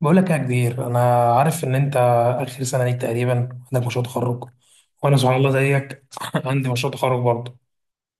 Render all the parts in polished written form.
بقول لك يا كبير، انا عارف ان انت اخر سنه ليك تقريبا، عندك مشروع تخرج، وانا سبحان الله زيك عندي مشروع تخرج برضه.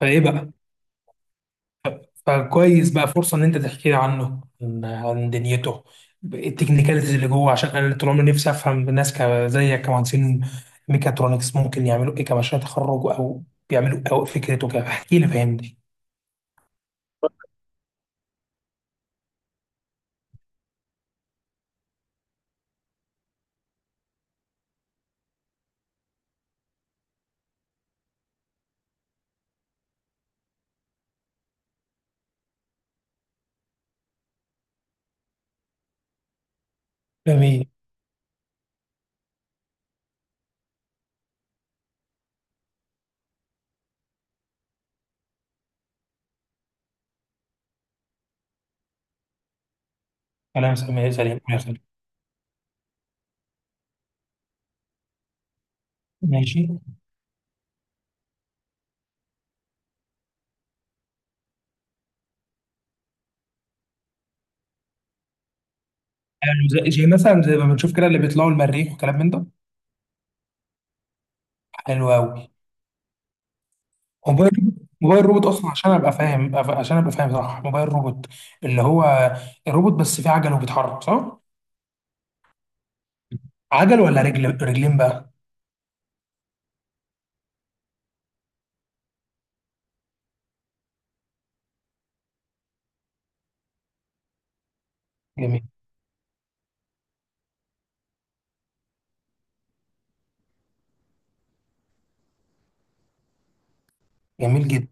فايه بقى؟ فكويس بقى فرصه ان انت تحكي لي عنه، عن دنيته، التكنيكاليتيز اللي جوه، عشان انا طول عمري نفسي افهم الناس زيك، كمهندسين ميكاترونكس ممكن يعملوا ايه كمشروع تخرج، او بيعملوا إيه، او فكرته كده. احكي لي، فهمني. جميل. كلام سليم سليم يا خالد. ماشي. يعني زي مثلا زي ما بنشوف كده اللي بيطلعوا المريخ وكلام من ده. حلو قوي. موبايل موبايل روبوت اصلا، عشان ابقى فاهم صح. موبايل روبوت اللي هو الروبوت بس فيه عجل وبيتحرك، صح؟ عجل ولا رجل رجلين بقى؟ جميل. جميل جدا.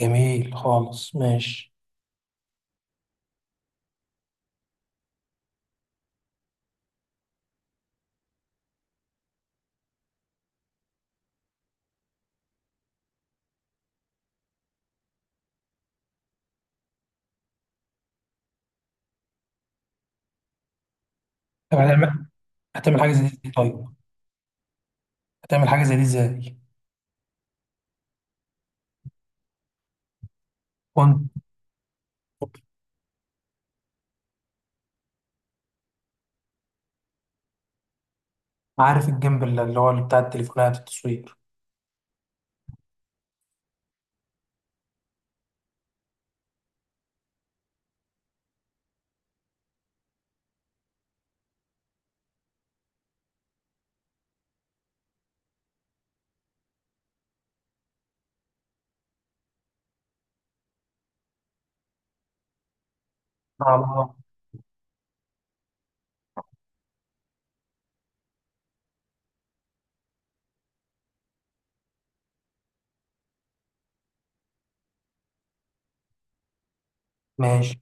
جميل خالص. ماشي. طب هتعمل هتعمل حاجه زي دي إزاي؟ طيب، هتعمل حاجه زي دي ازاي؟ وانت عارف الجنب اللي هو اللي بتاع التليفونات، التصوير. اه. ماشي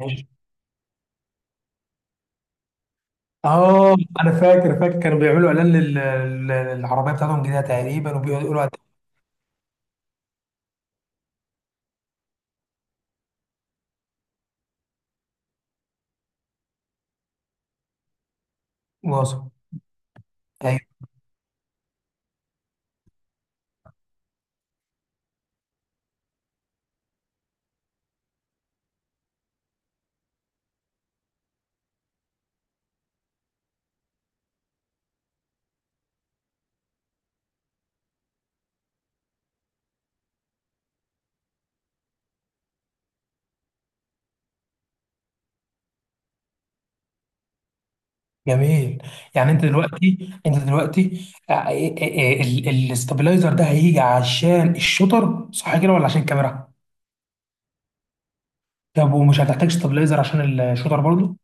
ماشي. اه، انا فاكر فاكر كانوا بيعملوا اعلان لل- للعربيه بتاعتهم جديده تقريبا، وبيقولوا واصل. جميل. يعني انت دلوقتي الاستابلايزر ده هيجي عشان الشوتر، صح كده ولا عشان الكاميرا؟ طب، ومش هتحتاج استابلايزر عشان الشوتر برضه؟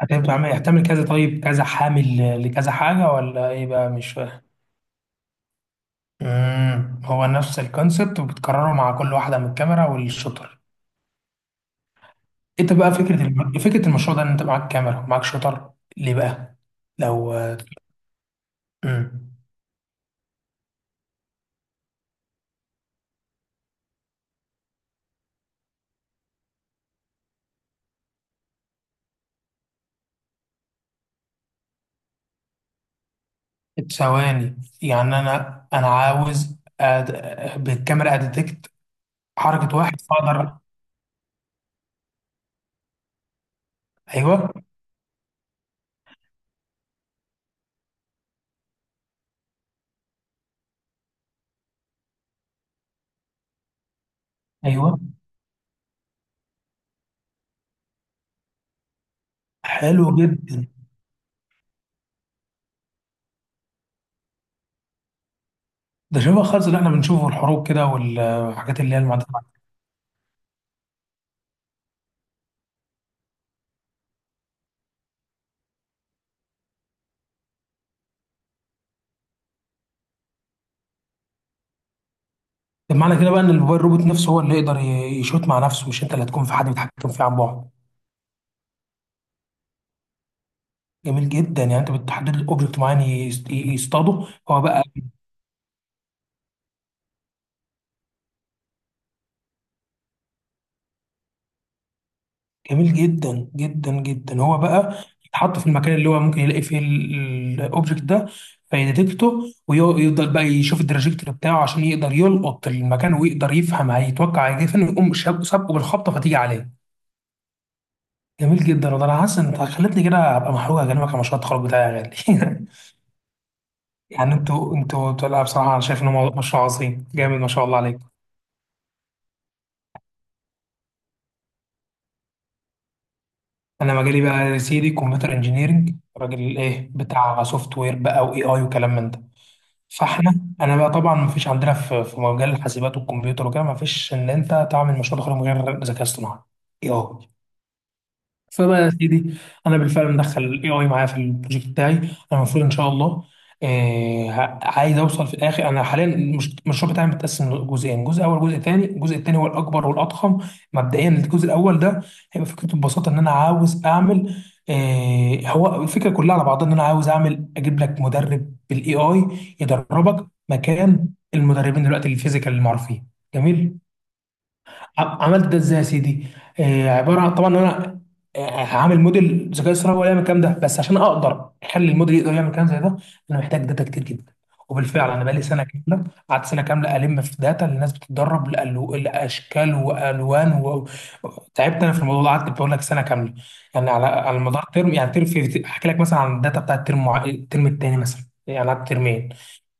هتعمل كذا، طيب كذا، حامل لكذا حاجه، ولا ايه بقى؟ مش فاهم. هو نفس الكونسبت، وبتكرره مع كل واحده من الكاميرا والشوتر. انت بقى فكره المشروع ده ان انت معاك كاميرا ومعاك شوتر. ليه بقى؟ لو امم ثواني. يعني انا عاوز بالكاميرا اديتكت حركه، واحد فاقدر. ايوه ايوه. حلو جدا. ده شبه خالص اللي احنا بنشوفه الحروب كده، والحاجات اللي هي المعدات. طب معنى كده بقى ان الموبايل روبوت نفسه هو اللي يقدر يشوت مع نفسه، مش انت اللي هتكون، في حد بيتحكم فيه عن بعد؟ جميل جدا. يعني انت بتحدد الاوبجكت معين يصطاده هو بقى؟ جميل جدا جدا جدا. هو بقى يتحط في المكان اللي هو ممكن يلاقي فيه الاوبجكت ده، فيديتكته، ويفضل بقى يشوف التراجكتوري بتاعه عشان يقدر يلقط المكان، ويقدر يفهم، هيتوقع هيجي فين، ويقوم سابقه بالخبطه فتيجي عليه. جميل جدا. والله انا حاسس ان انت خلتني كده ابقى محروق اكلمك عن مشروع التخرج بتاعي يا غالي. يعني انتوا لا، بصراحه انا شايف ان هو مشروع عظيم جامد، ما شاء الله عليك. انا مجالي بقى يا سيدي كمبيوتر انجينيرنج، راجل ايه بتاع سوفت وير بقى، واي اي وكلام من ده. فاحنا، انا بقى طبعا ما فيش عندنا في في مجال الحاسبات والكمبيوتر وكده، ما فيش ان انت تعمل مشروع تخرج من غير ذكاء اصطناعي. اي اي. فبقى يا سيدي، انا بالفعل مدخل الاي اي معايا في البروجكت بتاعي. انا المفروض ان شاء الله عايز اوصل في الاخر. انا حاليا المشروع بتاعي متقسم لجزئين: جزء اول، جزء تاني. الجزء التاني هو الاكبر والاضخم. مبدئيا الجزء الاول ده هيبقى فكرته ببساطه ان انا عاوز اعمل، هو الفكره كلها على بعضها ان انا عاوز اعمل، اجيب لك مدرب بالاي اي يدربك مكان المدربين دلوقتي الفيزيكال المعروفين. جميل. عملت ده ازاي يا سيدي؟ عباره عن طبعا، ان انا هعمل موديل ذكاء اصطناعي ولا يعمل الكلام ده. بس عشان اقدر اخلي الموديل يقدر يعمل كلام زي ده، انا محتاج داتا كتير جدا. وبالفعل انا بقالي سنه كامله، قعدت سنه كامله الم في داتا اللي الناس بتتدرب، لاشكال والوان و... تعبت انا في الموضوع ده، قعدت بقول لك سنه كامله. يعني على مدار ترم، يعني ترم، في احكي لك مثلا عن الداتا بتاعت الترم الترم الثاني مثلا. يعني قعدت ترمين.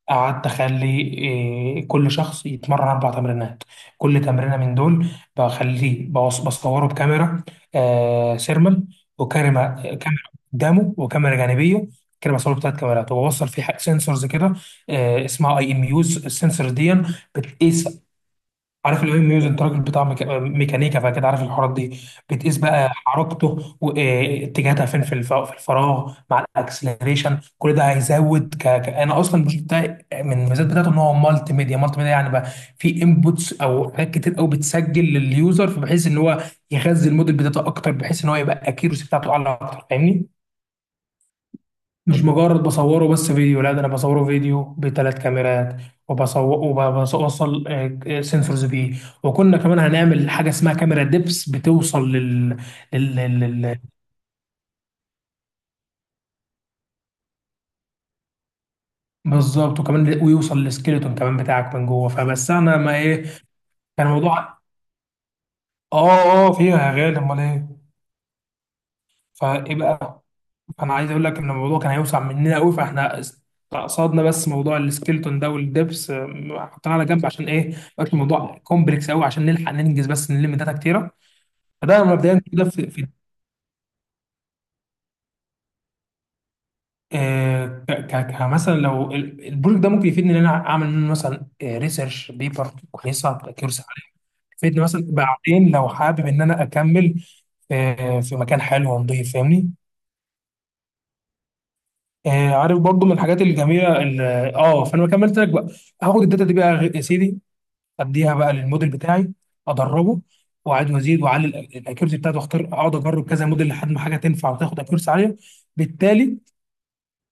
قعدت اخلي كل شخص يتمرن اربع تمرينات. كل تمرينه من دول بخليه بصوره بكاميرا سيرمال، وكاميرا كاميرا قدامه، وكاميرا جانبيه. كده بصور بتاعت كاميرات، وبوصل فيه سنسورز كده اسمها اي ام يوز، السنسور دي بتقيس. عارف الاي ام يوز؟ انت راجل بتاع ميكانيكا فاكيد عارف الحوارات دي. بتقيس بقى حركته واتجاهاتها فين في في الفراغ، مع الاكسلريشن. كل ده هيزود انا اصلا البروجكت بتاعي من الميزات بتاعته ان هو مالتي ميديا. مالتي ميديا يعني بقى في انبوتس او حاجات كتير قوي بتسجل لليوزر، بحيث ان هو يغذي الموديل بتاعته اكتر، بحيث ان هو يبقى اكيرسي بتاعته اعلى اكتر، فاهمني؟ مش مجرد بصوره بس، فيديو. لا، ده انا بصوره فيديو بثلاث كاميرات، وبصور، وبوصل سنسورز بيه. وكنا كمان هنعمل حاجه اسمها كاميرا دبس بتوصل لل... لل... لل- بالظبط. وكمان ويوصل للسكيلتون كمان بتاعك من جوه. فبس انا، ما ايه كان الموضوع. اه، اه، فيها يا غالي، امال ايه. فايه بقى؟ فانا عايز اقول لك ان الموضوع كان هيوسع مننا قوي، فاحنا استقصدنا بس موضوع السكيلتون ده والدبس حطيناه على جنب. عشان ايه؟ ما يبقاش الموضوع كومبلكس قوي، عشان نلحق ننجز، بس نلم داتا كتيره. فده مبدئيا كده في, في كمثلا لو البروجكت ده ممكن يفيدني ان انا اعمل منه مثلا ريسيرش بيبر كويسه تبقى كيورس عليها، يفيدني مثلا بعدين لو حابب ان انا اكمل في مكان حلو ونضيف، فاهمني؟ عارف برضو من الحاجات الجميله فانا ما كملت لك بقى. هاخد الداتا دي بقى يا سيدي، اديها بقى للموديل بتاعي، ادربه، واعيد وازيد واعلي الاكيورسي بتاعته، واختار اقعد اجرب كذا موديل لحد ما حاجه تنفع وتاخد اكيورسي عاليه. بالتالي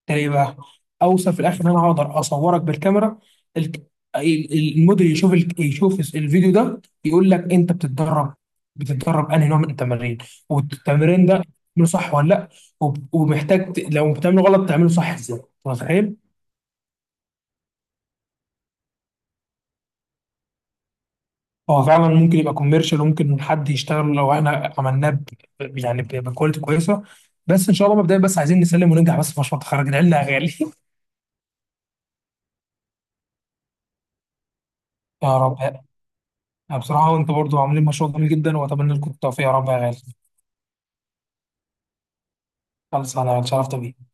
تلاقي بقى اوصل في الاخر ان انا هقدر اصورك بالكاميرا، ال- الموديل يشوف يشوف الفيديو ده، يقول لك انت بتتدرب انهي نوع من التمارين، والتمرين ده بتعمله صح ولا لا؟ ومحتاج لو بتعمله غلط تعمله صح ازاي. متخيل؟ هو فعلا ممكن يبقى كوميرشال، وممكن حد يشتغل لو احنا عملناه يعني بكواليتي كويسه. بس ان شاء الله مبدئيا بس عايزين نسلم وننجح بس في مشروع التخرج، العلم يا غالي. يا رب. أنا بصراحه وانت برضو عاملين مشروع جميل جدا، واتمنى لكم التوفيق يا رب يا غالي. خلص، انا اتشرفت بيك.